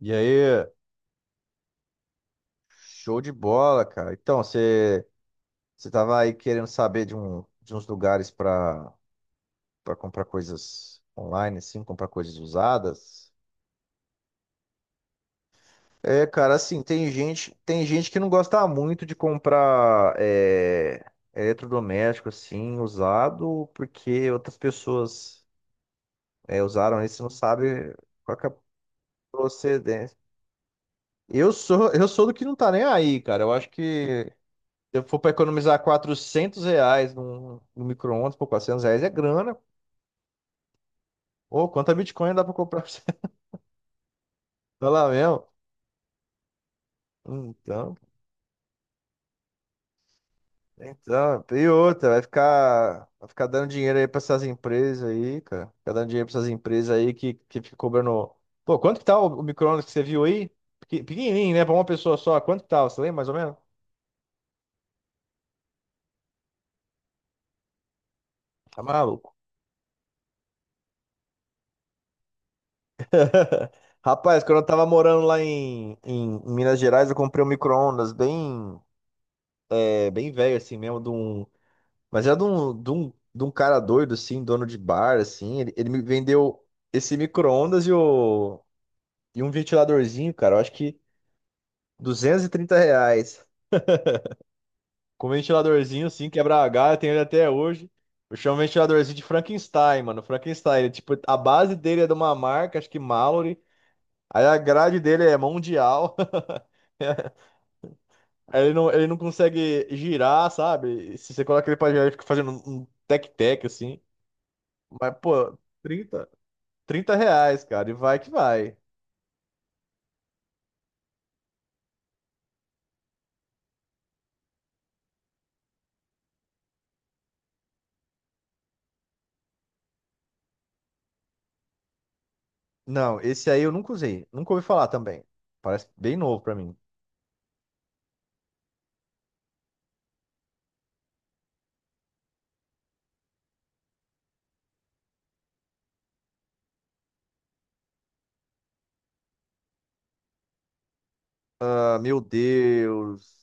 E aí, show de bola, cara. Então, você tava aí querendo saber de, de uns lugares para comprar coisas online, assim, comprar coisas usadas? É, cara, assim, tem gente que não gosta muito de comprar eletrodoméstico, assim, usado, porque outras pessoas usaram isso e não sabe qual que é a procedência. Eu sou do que não tá nem aí, cara. Eu acho que se eu for para economizar 400 reais num micro-ondas, pô, R$ 400 é grana. Pô, quanta Bitcoin dá para comprar pra você? Tá lá mesmo? Então, e outra, vai ficar dando dinheiro aí para essas empresas aí, cara. Ficar dando dinheiro para essas empresas aí que fica cobrando. Pô, quanto que tá o micro-ondas que você viu aí? Pequenininho, né? Para uma pessoa só, quanto que tá? Você lembra mais ou menos? Tá maluco. Rapaz, quando eu tava morando lá em Minas Gerais, eu comprei um micro-ondas bem, bem velho assim mesmo. De um Mas é de um cara doido, assim, dono de bar, assim. Ele me vendeu esse micro-ondas e um ventiladorzinho, cara. Eu acho que R$ 230. Com um ventiladorzinho, assim, quebra galho, eu tenho ele até hoje. Eu chamo o ventiladorzinho de Frankenstein, mano. Frankenstein, ele, tipo, a base dele é de uma marca, acho que Mallory. Aí a grade dele é mundial. Aí ele não consegue girar, sabe? Se você coloca ele pra girar, ele fica fazendo um tec-tec, assim. Mas, pô, 30 30 reais, cara, e vai que vai. Não, esse aí eu nunca usei. Nunca ouvi falar também. Parece bem novo pra mim. Ah, meu Deus.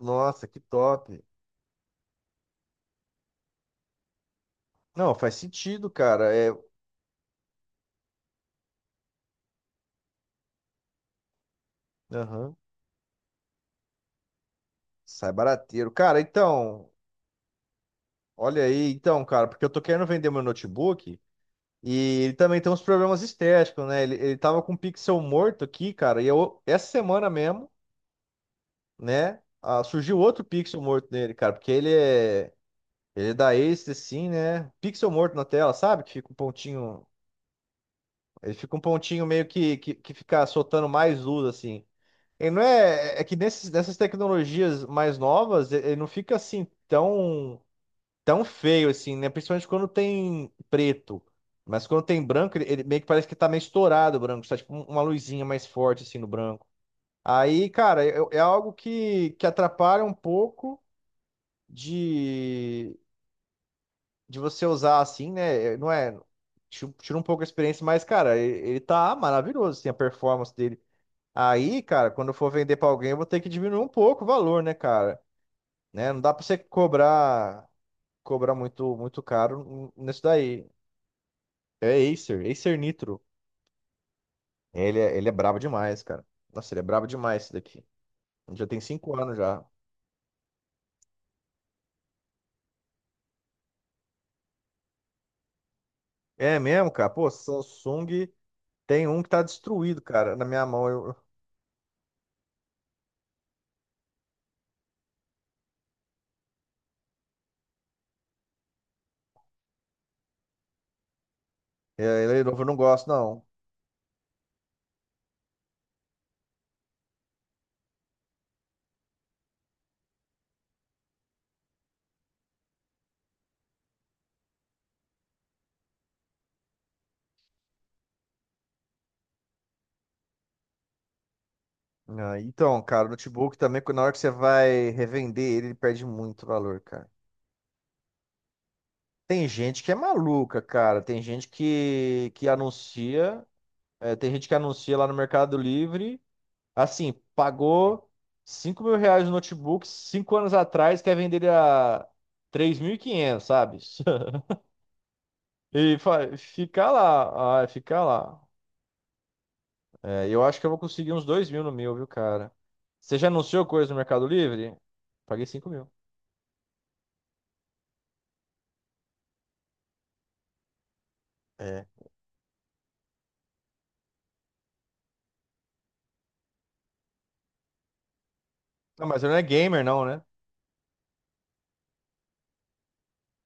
Nossa, que top. Não, faz sentido, cara. É. Aham. Sai barateiro. Cara, então. Olha aí, então, cara, porque eu tô querendo vender meu notebook e ele também tem uns problemas estéticos, né? Ele tava com um pixel morto aqui, cara, e eu, essa semana mesmo, né? Surgiu outro pixel morto nele, cara, porque ele é. Ele dá ace, assim, né? Pixel morto na tela, sabe? Que fica um pontinho. Ele fica um pontinho meio que fica soltando mais luz, assim. Ele não é. É que nesses, nessas tecnologias mais novas, ele não fica assim tão, tão feio, assim, né? Principalmente quando tem preto. Mas quando tem branco, ele meio que parece que tá meio estourado o branco. Tá tipo uma luzinha mais forte, assim, no branco. Aí, cara, é algo que atrapalha um pouco. De, de você usar assim, né? Não é. Tira um pouco a experiência, mas, cara, ele tá maravilhoso, assim, a performance dele. Aí, cara, quando eu for vender pra alguém, eu vou ter que diminuir um pouco o valor, né, cara? Né? Não dá pra você cobrar muito muito caro nisso daí. É Acer, Acer Nitro. Ele é brabo demais, cara. Nossa, ele é brabo demais esse daqui. Já tem 5 anos já. É mesmo, cara? Pô, Samsung tem um que tá destruído, cara, na minha mão. Ele é novo, eu não gosto, não. Ah, então, cara, o notebook também, na hora que você vai revender ele, ele perde muito valor, cara. Tem gente que é maluca, cara. Tem gente que anuncia, tem gente que anuncia lá no Mercado Livre, assim, pagou R$ 5.000 no notebook 5 anos atrás, quer vender ele a 3.500, sabe? E fica lá, fica lá. É, eu acho que eu vou conseguir uns 2.000 no meu, viu, cara? Você já anunciou coisa no Mercado Livre? Paguei 5.000. Não, mas ele não é gamer, não, né?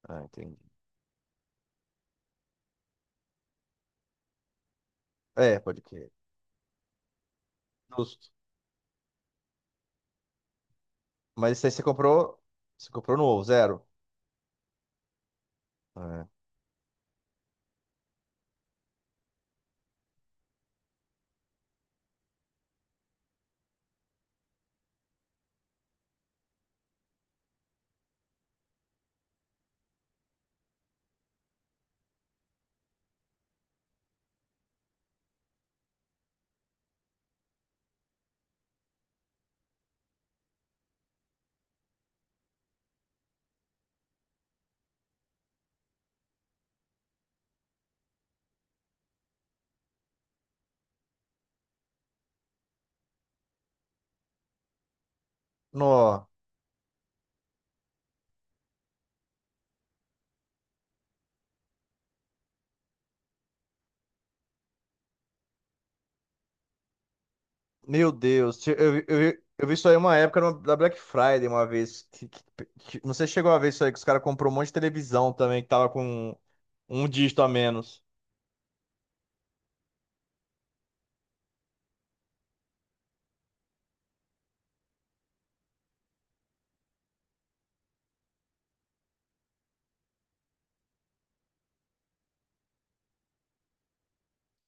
Ah, entendi. É, pode crer. Justo. Mas isso aí você comprou. Você comprou novo, zero. É. Nó. Meu Deus. Eu vi isso aí uma época da Black Friday uma vez. Não sei se chegou a ver isso aí, que os caras comprou um monte de televisão também, que tava com um dígito a menos.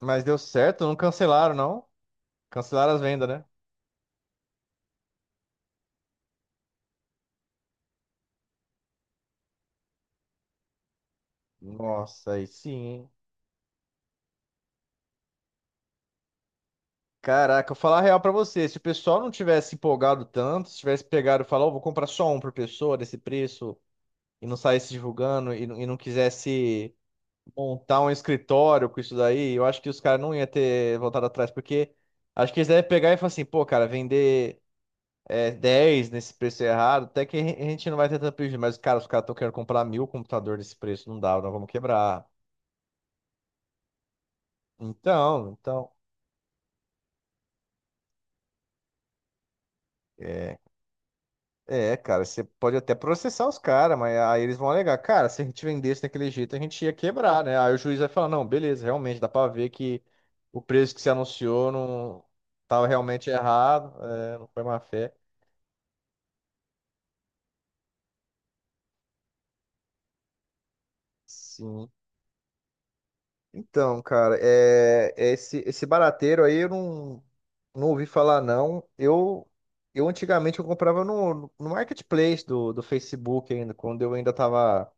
Mas deu certo, não cancelaram, não. Cancelaram as vendas, né? Nossa, aí sim, hein? Caraca, eu vou falar a real pra você, se o pessoal não tivesse empolgado tanto, se tivesse pegado e falado, "Ó, vou comprar só um por pessoa desse preço", e não saísse divulgando, e não quisesse montar um escritório com isso daí, eu acho que os caras não iam ter voltado atrás, porque acho que eles devem pegar e falar assim, pô, cara, vender 10 nesse preço errado, até que a gente não vai ter tanto prejuízo, mas, cara, os caras estão querendo comprar 1.000 computador nesse preço, não dá, nós vamos quebrar. Então, então... é, É, cara, você pode até processar os caras, mas aí eles vão alegar, cara, se a gente vendesse daquele jeito, a gente ia quebrar, né? Aí o juiz vai falar, não, beleza, realmente, dá pra ver que o preço que você anunciou não tava realmente errado, não foi má fé. Sim. Então, cara, é esse barateiro aí eu não, não ouvi falar, não. Eu antigamente eu comprava no marketplace do Facebook ainda, quando eu ainda tava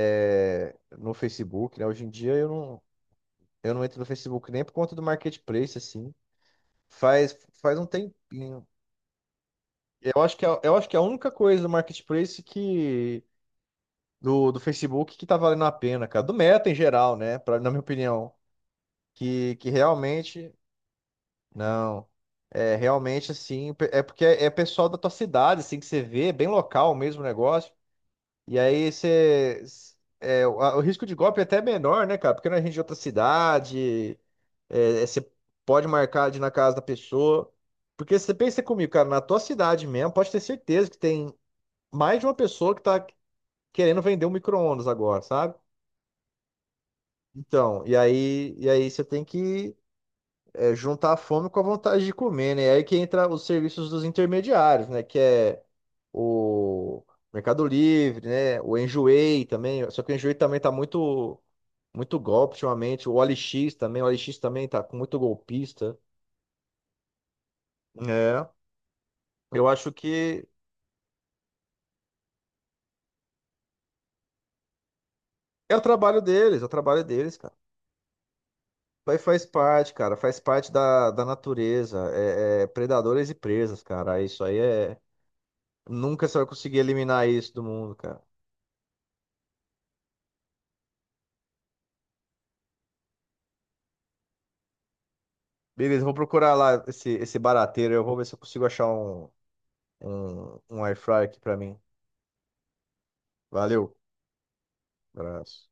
no Facebook, né? Hoje em dia eu não. Eu não entro no Facebook nem por conta do marketplace, assim. Faz, faz um tempinho. Eu acho que é a única coisa do marketplace que do Facebook que tá valendo a pena, cara. Do Meta em geral, né? Na minha opinião, que realmente não. É realmente assim, é porque é pessoal da tua cidade, assim, que você vê, é bem local mesmo o negócio. E aí você. É, o risco de golpe é até menor, né, cara? Porque não é gente de outra cidade, você pode marcar de ir na casa da pessoa. Porque você pensa comigo, cara, na tua cidade mesmo, pode ter certeza que tem mais de uma pessoa que tá querendo vender um micro-ondas agora, sabe? Então, e aí você tem que juntar a fome com a vontade de comer, né? E aí que entra os serviços dos intermediários, né? Que é o Mercado Livre, né? O Enjoei também. Só que o Enjoei também tá muito, muito golpe ultimamente. O OLX também. O OLX também tá com muito golpista. É. Eu acho que é o trabalho deles, é o trabalho deles, cara. Vai faz parte, cara. Faz parte da natureza. É, predadores e presas, cara. Isso aí é. Nunca você vai conseguir eliminar isso do mundo, cara. Beleza, eu vou procurar lá esse barateiro. Eu vou ver se eu consigo achar um air fryer aqui pra mim. Valeu. Abraço.